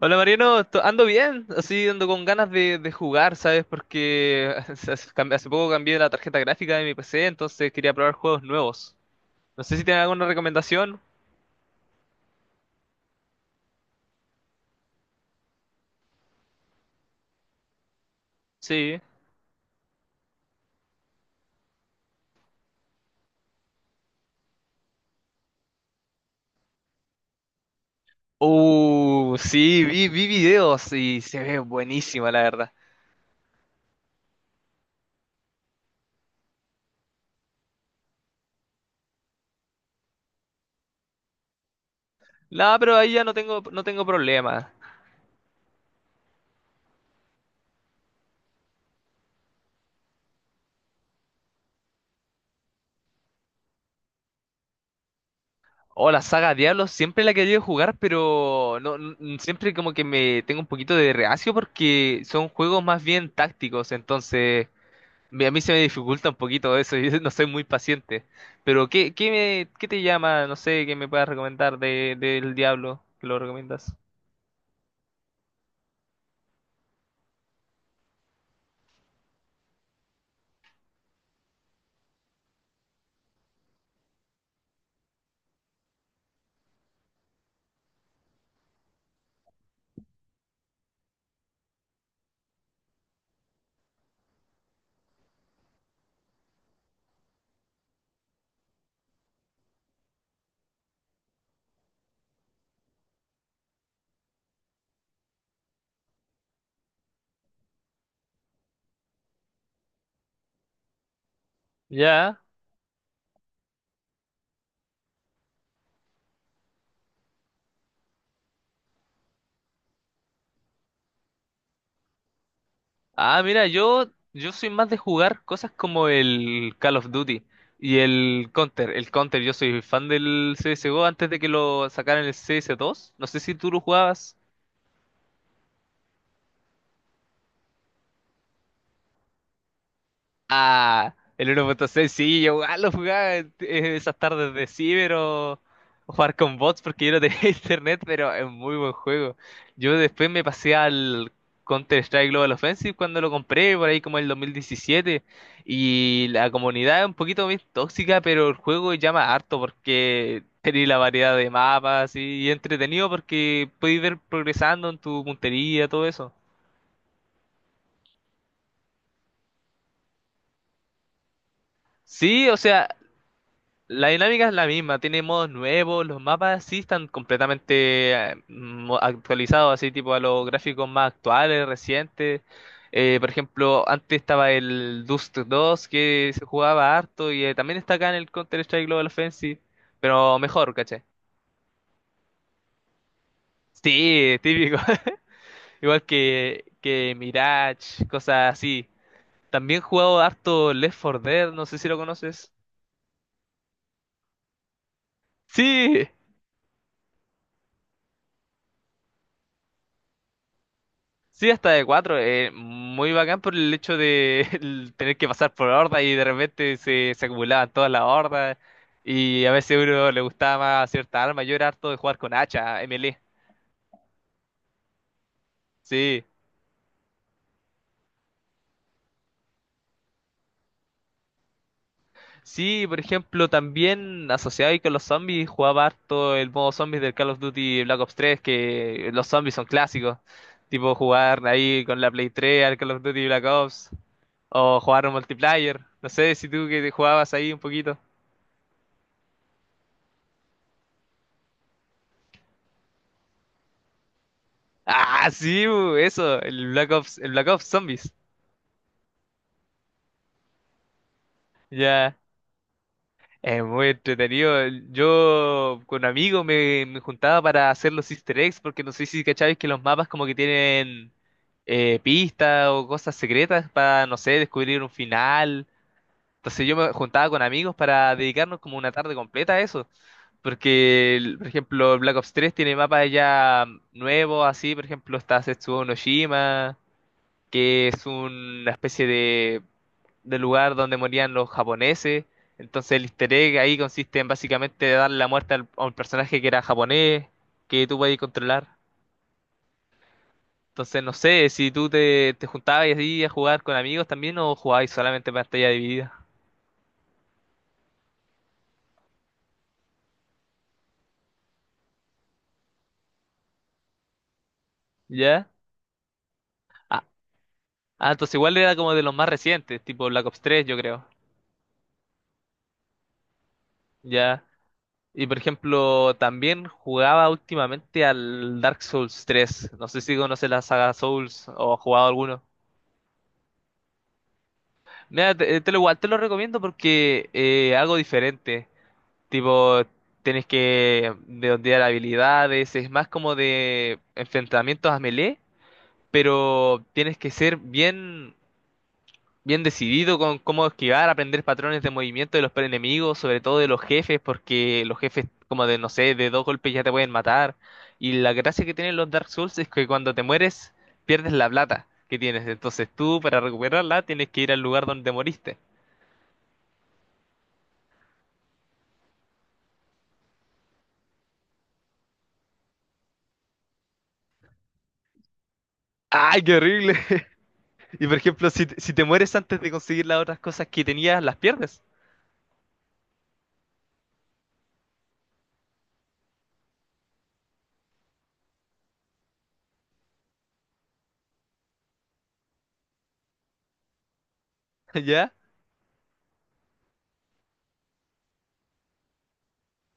Hola Mariano, ando bien, así ando con ganas de jugar, ¿sabes? Porque hace poco cambié la tarjeta gráfica de mi PC, entonces quería probar juegos nuevos. No sé si tienen alguna recomendación. Sí. Sí, vi videos y se ve buenísima, la verdad. No, pero ahí ya no tengo, no tengo problema. Oh, la saga Diablo siempre la he querido jugar, pero no, n- siempre como que me tengo un poquito de reacio porque son juegos más bien tácticos, entonces a mí se me dificulta un poquito eso, yo no soy muy paciente. Pero ¿qué te llama? No sé, ¿qué me puedas recomendar de, del Diablo? ¿Que lo recomiendas? Ya. Ah, mira, yo soy más de jugar cosas como el Call of Duty y el Counter. El Counter, yo soy fan del CSGO antes de que lo sacaran el CS2. No sé si tú lo jugabas. Ah, el 1.6, sí, yo igual lo jugaba en- esas tardes de ciber o jugar con bots porque yo no tenía internet, pero es muy buen juego. Yo después me pasé al Counter-Strike Global Offensive cuando lo compré, por ahí como el 2017, y la comunidad es un poquito más tóxica, pero el juego llama harto porque tenéis la variedad de mapas y entretenido porque podéis ver progresando en tu puntería, todo eso. Sí, o sea, la dinámica es la misma, tiene modos nuevos, los mapas sí están completamente actualizados, así tipo a los gráficos más actuales, recientes. Por ejemplo, antes estaba el Dust 2 que se jugaba harto y también está acá en el Counter-Strike Global Offensive, pero mejor, ¿cachai? Sí, típico. Igual que Mirage, cosas así. También he jugado harto Left 4 Dead, no sé si lo conoces. Sí. Sí, hasta de cuatro. Muy bacán por el hecho de el tener que pasar por hordas y de repente se acumulaban todas las hordas. Y a veces a uno le gustaba más cierta arma. Yo era harto de jugar con hacha, melee. Sí. Sí, por ejemplo, también asociado ahí con los zombies, jugaba harto el modo zombies del Call of Duty Black Ops tres, que los zombies son clásicos. Tipo jugar ahí con la Play 3 al Call of Duty Black Ops. O jugar un multiplayer. No sé si tú que te jugabas ahí un poquito. Ah, sí, bu, eso, el Black Ops Zombies. Ya, es muy entretenido. Yo con amigos me juntaba para hacer los Easter eggs, porque no sé si cacháis que los mapas como que tienen pistas o cosas secretas para, no sé, descubrir un final. Entonces yo me juntaba con amigos para dedicarnos como una tarde completa a eso. Porque, por ejemplo, el Black Ops 3 tiene mapas ya nuevos, así, por ejemplo, está Setsuo no Shima, que es una especie de del lugar donde morían los japoneses. Entonces el easter egg ahí consiste en básicamente darle la muerte a un personaje que era japonés, que tú podías controlar. Entonces no sé si tú te juntabas así a jugar con amigos también o jugabas solamente pantalla dividida. ¿Ya? Ah, ah, entonces igual era como de los más recientes, tipo Black Ops 3 yo creo. ¿Ya? Y por ejemplo, también jugaba últimamente al Dark Souls 3. No sé si conoces la saga Souls o has jugado alguno. Mira, te lo igual te lo recomiendo porque algo diferente. Tipo, tienes que desbloquear habilidades, es más como de enfrentamientos a melee, pero tienes que ser bien, bien decidido con cómo esquivar, aprender patrones de movimiento de los enemigos, sobre todo de los jefes, porque los jefes como de, no sé, de dos golpes ya te pueden matar. Y la gracia que tienen los Dark Souls es que cuando te mueres, pierdes la plata que tienes. Entonces tú, para recuperarla, tienes que ir al lugar donde moriste. ¡Ay, qué horrible! Y por ejemplo, si te mueres antes de conseguir las otras cosas que tenías, las pierdes. ¿Ya?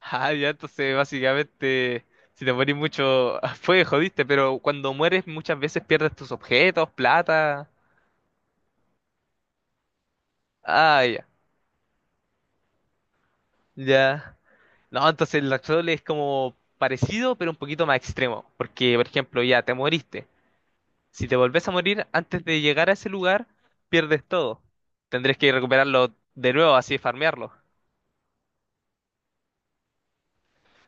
Ah, ya, entonces básicamente, si te morís mucho, fue, jodiste, pero cuando mueres muchas veces pierdes tus objetos, plata. Ah, ya. Ya. No, entonces el actual es como parecido, pero un poquito más extremo. Porque, por ejemplo, ya te moriste. Si te volvés a morir antes de llegar a ese lugar, pierdes todo. Tendrás que recuperarlo de nuevo, así farmearlo.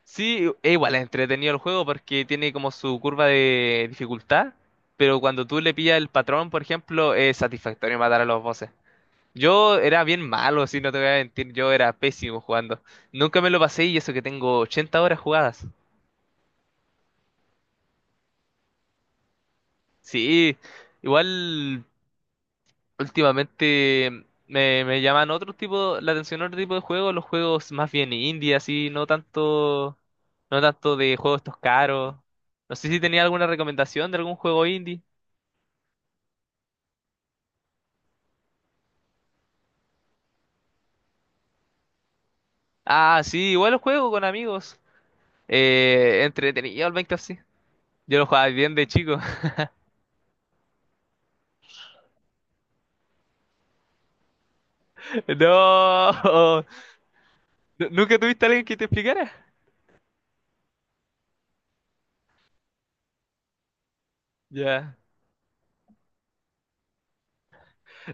Sí, e igual es entretenido el juego porque tiene como su curva de dificultad, pero cuando tú le pillas el patrón, por ejemplo, es satisfactorio matar a los bosses. Yo era bien malo, si no te voy a mentir, yo era pésimo jugando. Nunca me lo pasé y eso que tengo 80 horas jugadas. Sí, igual últimamente me llaman otro tipo, la atención otro tipo de juegos, los juegos más bien indie, así, no tanto de juegos estos caros. No sé si tenía alguna recomendación de algún juego indie. Ah, sí, igual lo juego con amigos. Entretenido el Minecraft, sí. Yo lo jugaba bien de chico. No, ¿nunca tuviste a alguien que te explicara? Ya.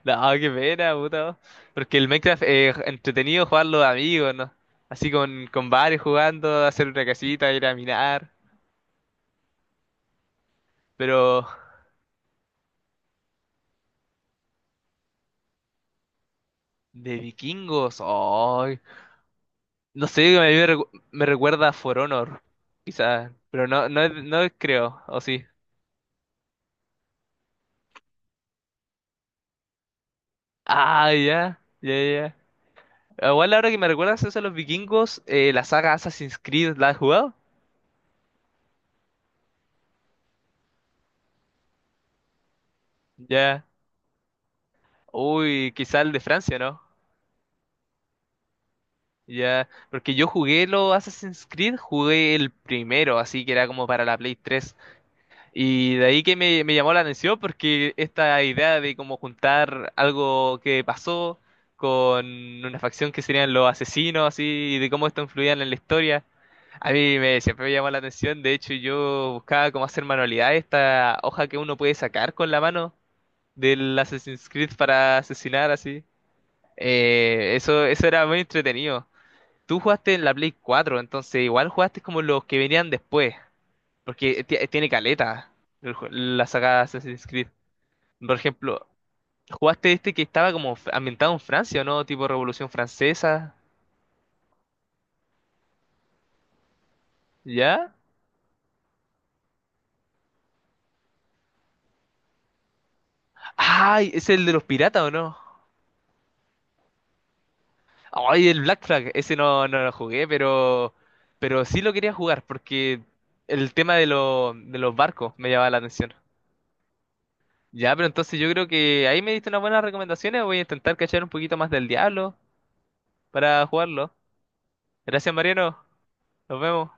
No, qué pena, puta. Porque el Minecraft es entretenido jugarlo de amigos, ¿no? Así con varios jugando, hacer una casita, ir a minar. Pero de vikingos, ay. No sé, a mí me, recu- me recuerda a For Honor, quizás. Pero no, no, no creo, o sí. Ah, ya, ya, ya. Ah, igual ahora que me recuerdas eso de los vikingos, la saga Assassin's Creed, ¿la has jugado? Ya. Uy, quizá el de Francia, ¿no? Ya. Porque yo jugué los Assassin's Creed, jugué el primero, así que era como para la Play 3. Y de ahí que me llamó la atención porque esta idea de como juntar algo que pasó con una facción que serían los asesinos, así, y de cómo esto influía en la historia. Siempre me llamó la atención, de hecho yo buscaba cómo hacer manualidades, esta hoja que uno puede sacar con la mano del Assassin's Creed para asesinar así. Eso era muy entretenido. Tú jugaste en la Play 4, entonces igual jugaste como los que venían después, porque tiene caleta la saga Assassin's Creed. Por ejemplo, jugaste este que estaba como ambientado en Francia, ¿o ¿no? Tipo Revolución Francesa, ¿ya? Ay, es el de los piratas, ¿o no? Ay, el Black Flag, ese no, no lo jugué, pero sí lo quería jugar porque el tema de los barcos me llamaba la atención. Ya, pero entonces yo creo que ahí me diste unas buenas recomendaciones. Voy a intentar cachar un poquito más del diablo para jugarlo. Gracias, Mariano. Nos vemos.